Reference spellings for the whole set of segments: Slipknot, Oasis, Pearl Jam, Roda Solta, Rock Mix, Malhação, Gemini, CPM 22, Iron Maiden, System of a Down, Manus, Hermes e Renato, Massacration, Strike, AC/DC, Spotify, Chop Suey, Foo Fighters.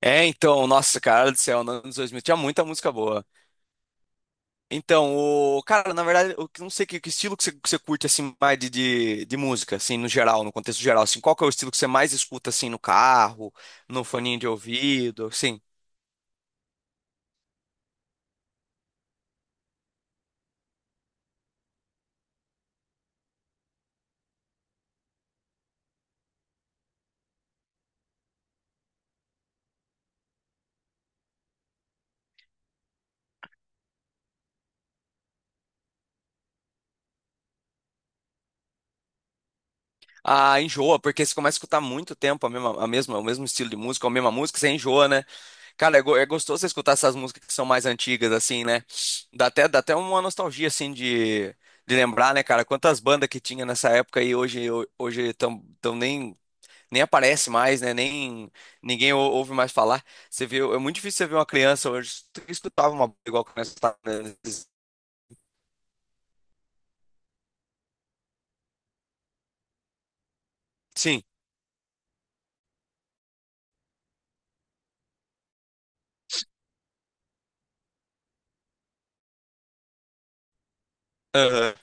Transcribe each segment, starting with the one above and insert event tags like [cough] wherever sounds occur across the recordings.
É, então, nossa, cara do céu, nos anos 2000 tinha muita música boa. Então, o cara, na verdade, eu não sei que estilo que que você curte assim mais de música, assim, no geral, no contexto geral, assim, qual que é o estilo que você mais escuta assim no carro, no foninho de ouvido, assim? Ah, enjoa, porque você começa a escutar muito tempo o mesmo estilo de música, a mesma música, você enjoa, né? Cara, é gostoso você escutar essas músicas que são mais antigas, assim, né? Dá até uma nostalgia, assim, de lembrar, né, cara? Quantas bandas que tinha nessa época e hoje tão nem aparece mais, né? Nem ninguém ouve mais falar. Você vê, é muito difícil você ver uma criança hoje que escutava uma banda igual que nós estávamos, né? Sim. Aham.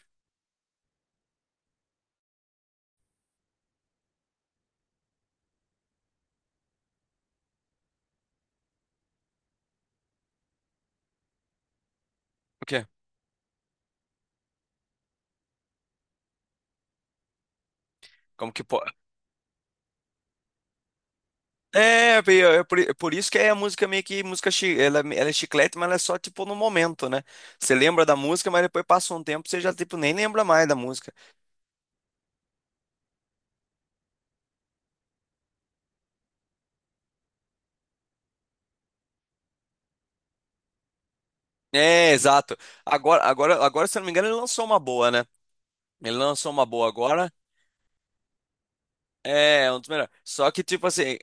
O quê? Como que pode? É por isso que é a música meio que música, ela é chiclete, mas ela é só tipo no momento, né? Você lembra da música, mas depois passa um tempo, você já tipo nem lembra mais da música. É, exato. Agora, se eu não me engano, ele lançou uma boa, né? Ele lançou uma boa agora. É, um dos melhores. Só que tipo assim,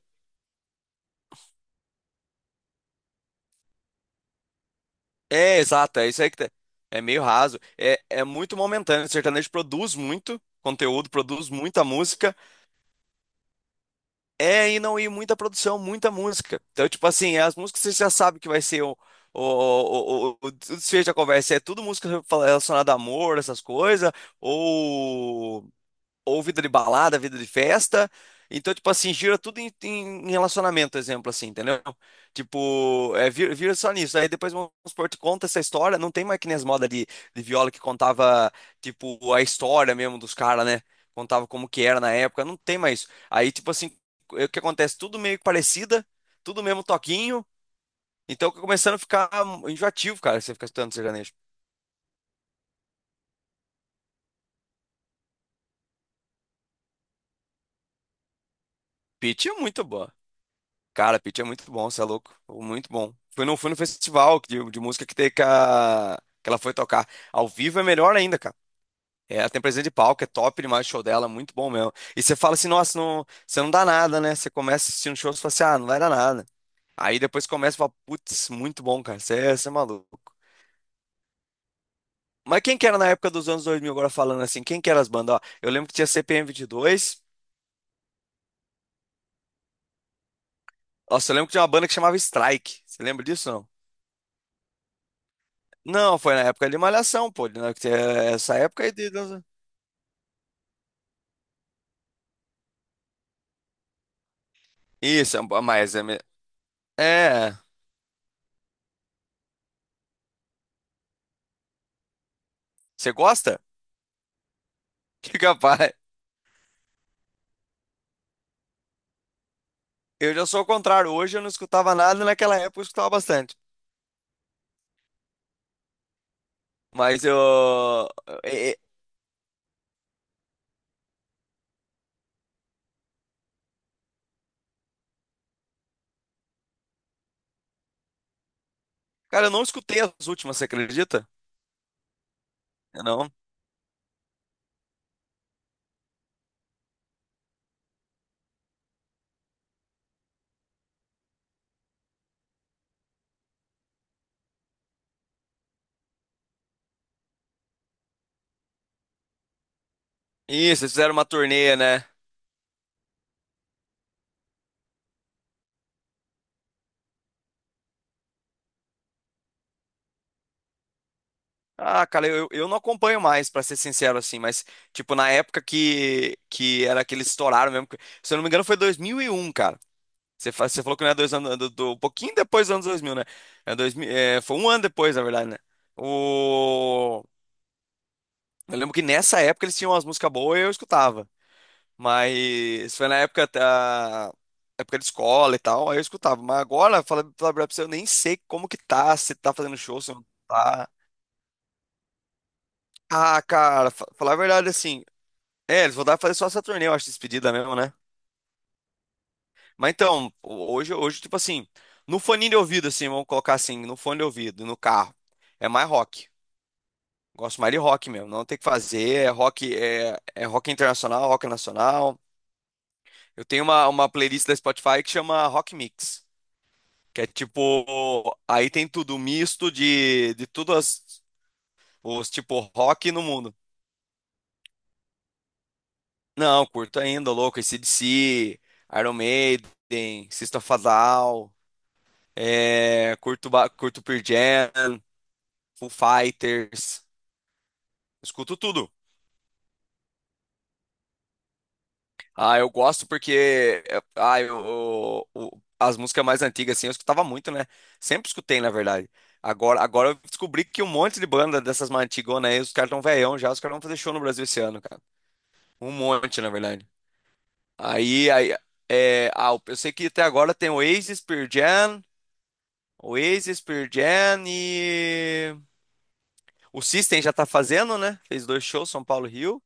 é, exato, é isso aí que é meio raso. É muito momentâneo. O sertanejo produz muito conteúdo, produz muita música. E não ir muita produção, muita música. Então, tipo assim, as músicas você já sabe que vai ser o desfecho da conversa. É tudo música relacionada a amor, essas coisas, ou vida de balada, vida de festa. Então, tipo assim, gira tudo em relacionamento, exemplo, assim, entendeu? Tipo, é, vira só nisso. Aí depois, vamos supor, te conta essa história. Não tem mais que nem as modas de viola que contava, tipo, a história mesmo dos caras, né? Contava como que era na época. Não tem mais isso. Aí, tipo assim, é o que acontece? Tudo meio que parecida, tudo mesmo toquinho. Então, começando a ficar enjoativo, cara, você ficar escutando sertanejo. Pitty é muito boa. Cara, Pitty é muito bom, você é louco. Muito bom. Fui no festival de música que teve, que que ela foi tocar. Ao vivo é melhor ainda, cara. É, ela tem presença de palco, é top demais o show dela, muito bom mesmo. E você fala assim, nossa, não, você não dá nada, né? Você começa assistindo shows e fala assim, ah, não vai dar nada. Aí depois começa e fala, putz, muito bom, cara, você é maluco. Mas quem que era na época dos anos 2000, agora falando assim, quem que era as bandas? Ó, eu lembro que tinha CPM 22, nossa, eu lembro que tinha uma banda que chamava Strike, você lembra disso, não? Não, foi na época de Malhação, pô. Na- que é Essa época aí de dança. Isso, é. Você gosta? [laughs] Que capaz. Eu já sou o contrário. Hoje eu não escutava nada, naquela época eu escutava bastante. Mas eu. é, é, Cara, eu não escutei as últimas, você acredita? Eu não? Isso, eles fizeram uma turnê, né? Ah, cara, eu não acompanho mais, pra ser sincero, assim, mas, tipo, na época que era que eles estouraram mesmo. Se eu não me engano, foi 2001, cara. Você falou que não é dois anos um pouquinho depois dos anos 2000, né? É 2000, é, foi um ano depois, na verdade, né? O... Eu lembro que nessa época eles tinham umas músicas boas e eu escutava. Mas foi na época da época de escola e tal, aí eu escutava. Mas agora, falar pra você, eu nem sei como que tá, se tá fazendo show, se não tá. Ah, cara, falar a verdade assim. É, eles vão dar pra fazer só essa turnê, eu acho, despedida mesmo, né? Mas então, hoje, tipo assim, no fone de ouvido, assim, vamos colocar assim, no fone de ouvido, no carro, é mais rock. Gosto mais de rock mesmo, não tem o que fazer, é rock, é rock internacional, rock nacional. Eu tenho uma playlist da Spotify que chama Rock Mix, que é tipo, aí tem tudo misto de tudo os tipo rock no mundo. Não, curto ainda, louco, AC/DC, Iron Maiden, System of a Down, é, curto, curto Pearl Jam, Foo Fighters, escuto tudo. Ah, eu gosto porque as músicas mais antigas assim eu escutava muito, né? Sempre escutei, na verdade. Agora, eu descobri que um monte de banda dessas mais antigonas aí, os caras tão velhão já, os caras vão fazer show no Brasil esse ano, cara. Um monte, na verdade. Aí, é, eu sei que até agora tem o Oasis, Pearl Jam, Oasis, Pearl Jam e o System já tá fazendo, né? Fez dois shows, São Paulo e Rio.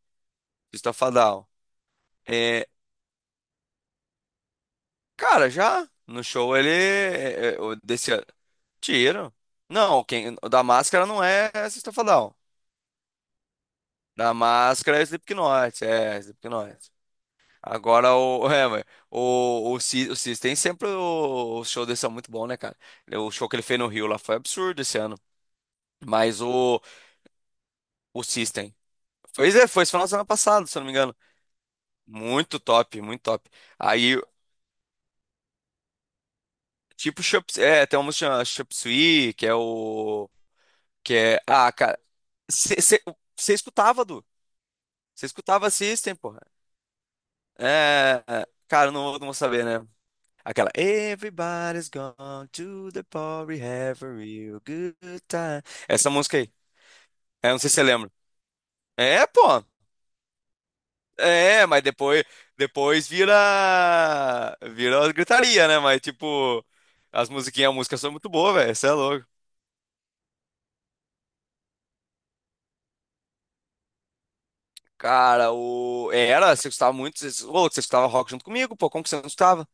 System of a Down. É, cara, já no show ele é o desse tiro. Não, quem o da máscara não é System não. Da máscara é Slipknot, é Slipknot. Agora o [laughs] é, mas o System sempre o show desse é muito bom, né, cara? O show que ele fez no Rio lá foi absurdo esse ano. Mas o System foi foi esse final de semana passado, se eu não me engano. Muito top, muito top. Aí tipo tem uma música Chop Suey, que é o. Que é. Ah, cara. Você escutava, Du. Você escutava System, porra. É. é, cara, não, não vou saber, né? Aquela. Everybody's gone to the party, have a real good time. Essa música aí. É, não sei se você lembra. É, pô. É, mas depois vira. Vira gritaria, né? Mas, tipo, as musiquinhas, a música são muito boa, velho. Você é louco. Cara, o. Era, você escutava muito. Ô, louco, você escutava rock junto comigo, pô. Como que você não escutava?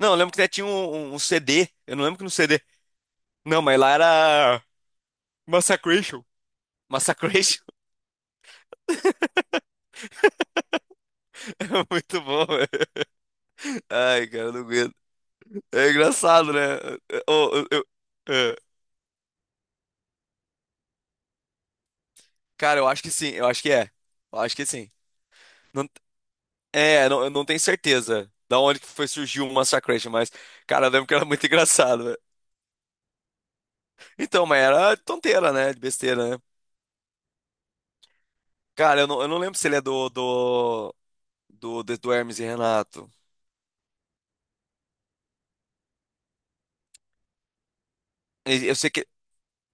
Não, eu lembro que até tinha um CD. Eu não lembro que no CD. Não, mas lá era. Massacration. Massacration. [laughs] É muito bom, velho. Ai, cara, eu não aguento. É engraçado, né? Eu é. Cara, eu acho que sim. Eu acho que é. Eu acho que sim. Não- É, não, eu não tenho certeza da onde que foi surgiu o Massacration, mas, cara, eu lembro que era muito [laughs] engraçado, velho. Então, mas era tonteira, né? De besteira, né? Cara, eu não lembro se ele é do Hermes e Renato. Eu sei que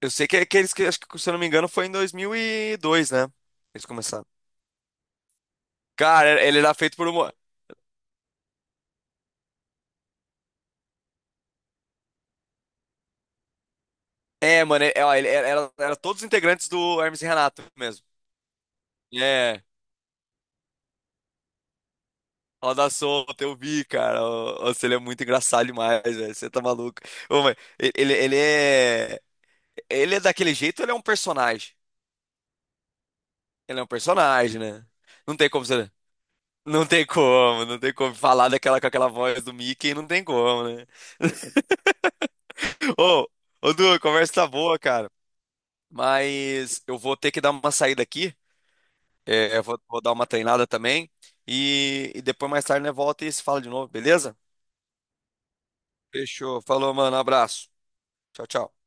Eu sei que é aqueles que, acho que, se eu não me engano, foi em 2002, né? Eles começaram. Cara, ele era feito por uma. É, mano, é, ó, ele era todos os integrantes do Hermes e Renato mesmo. É, Roda Solta, eu vi, cara. Ô, Você ele é muito engraçado demais, velho. Você tá maluco. Ô, mas ele é. Ele é daquele jeito, ou ele é um personagem. Ele é um personagem, né? Não tem como você. Não tem como falar daquela com aquela voz do Mickey, não tem como, né? [laughs] Ô, ô, Du, a conversa tá boa, cara. Mas eu vou ter que dar uma saída aqui. É, eu vou dar uma treinada também. E depois, mais tarde, né, volta e se fala de novo, beleza? Fechou. Falou, mano. Abraço. Tchau, tchau.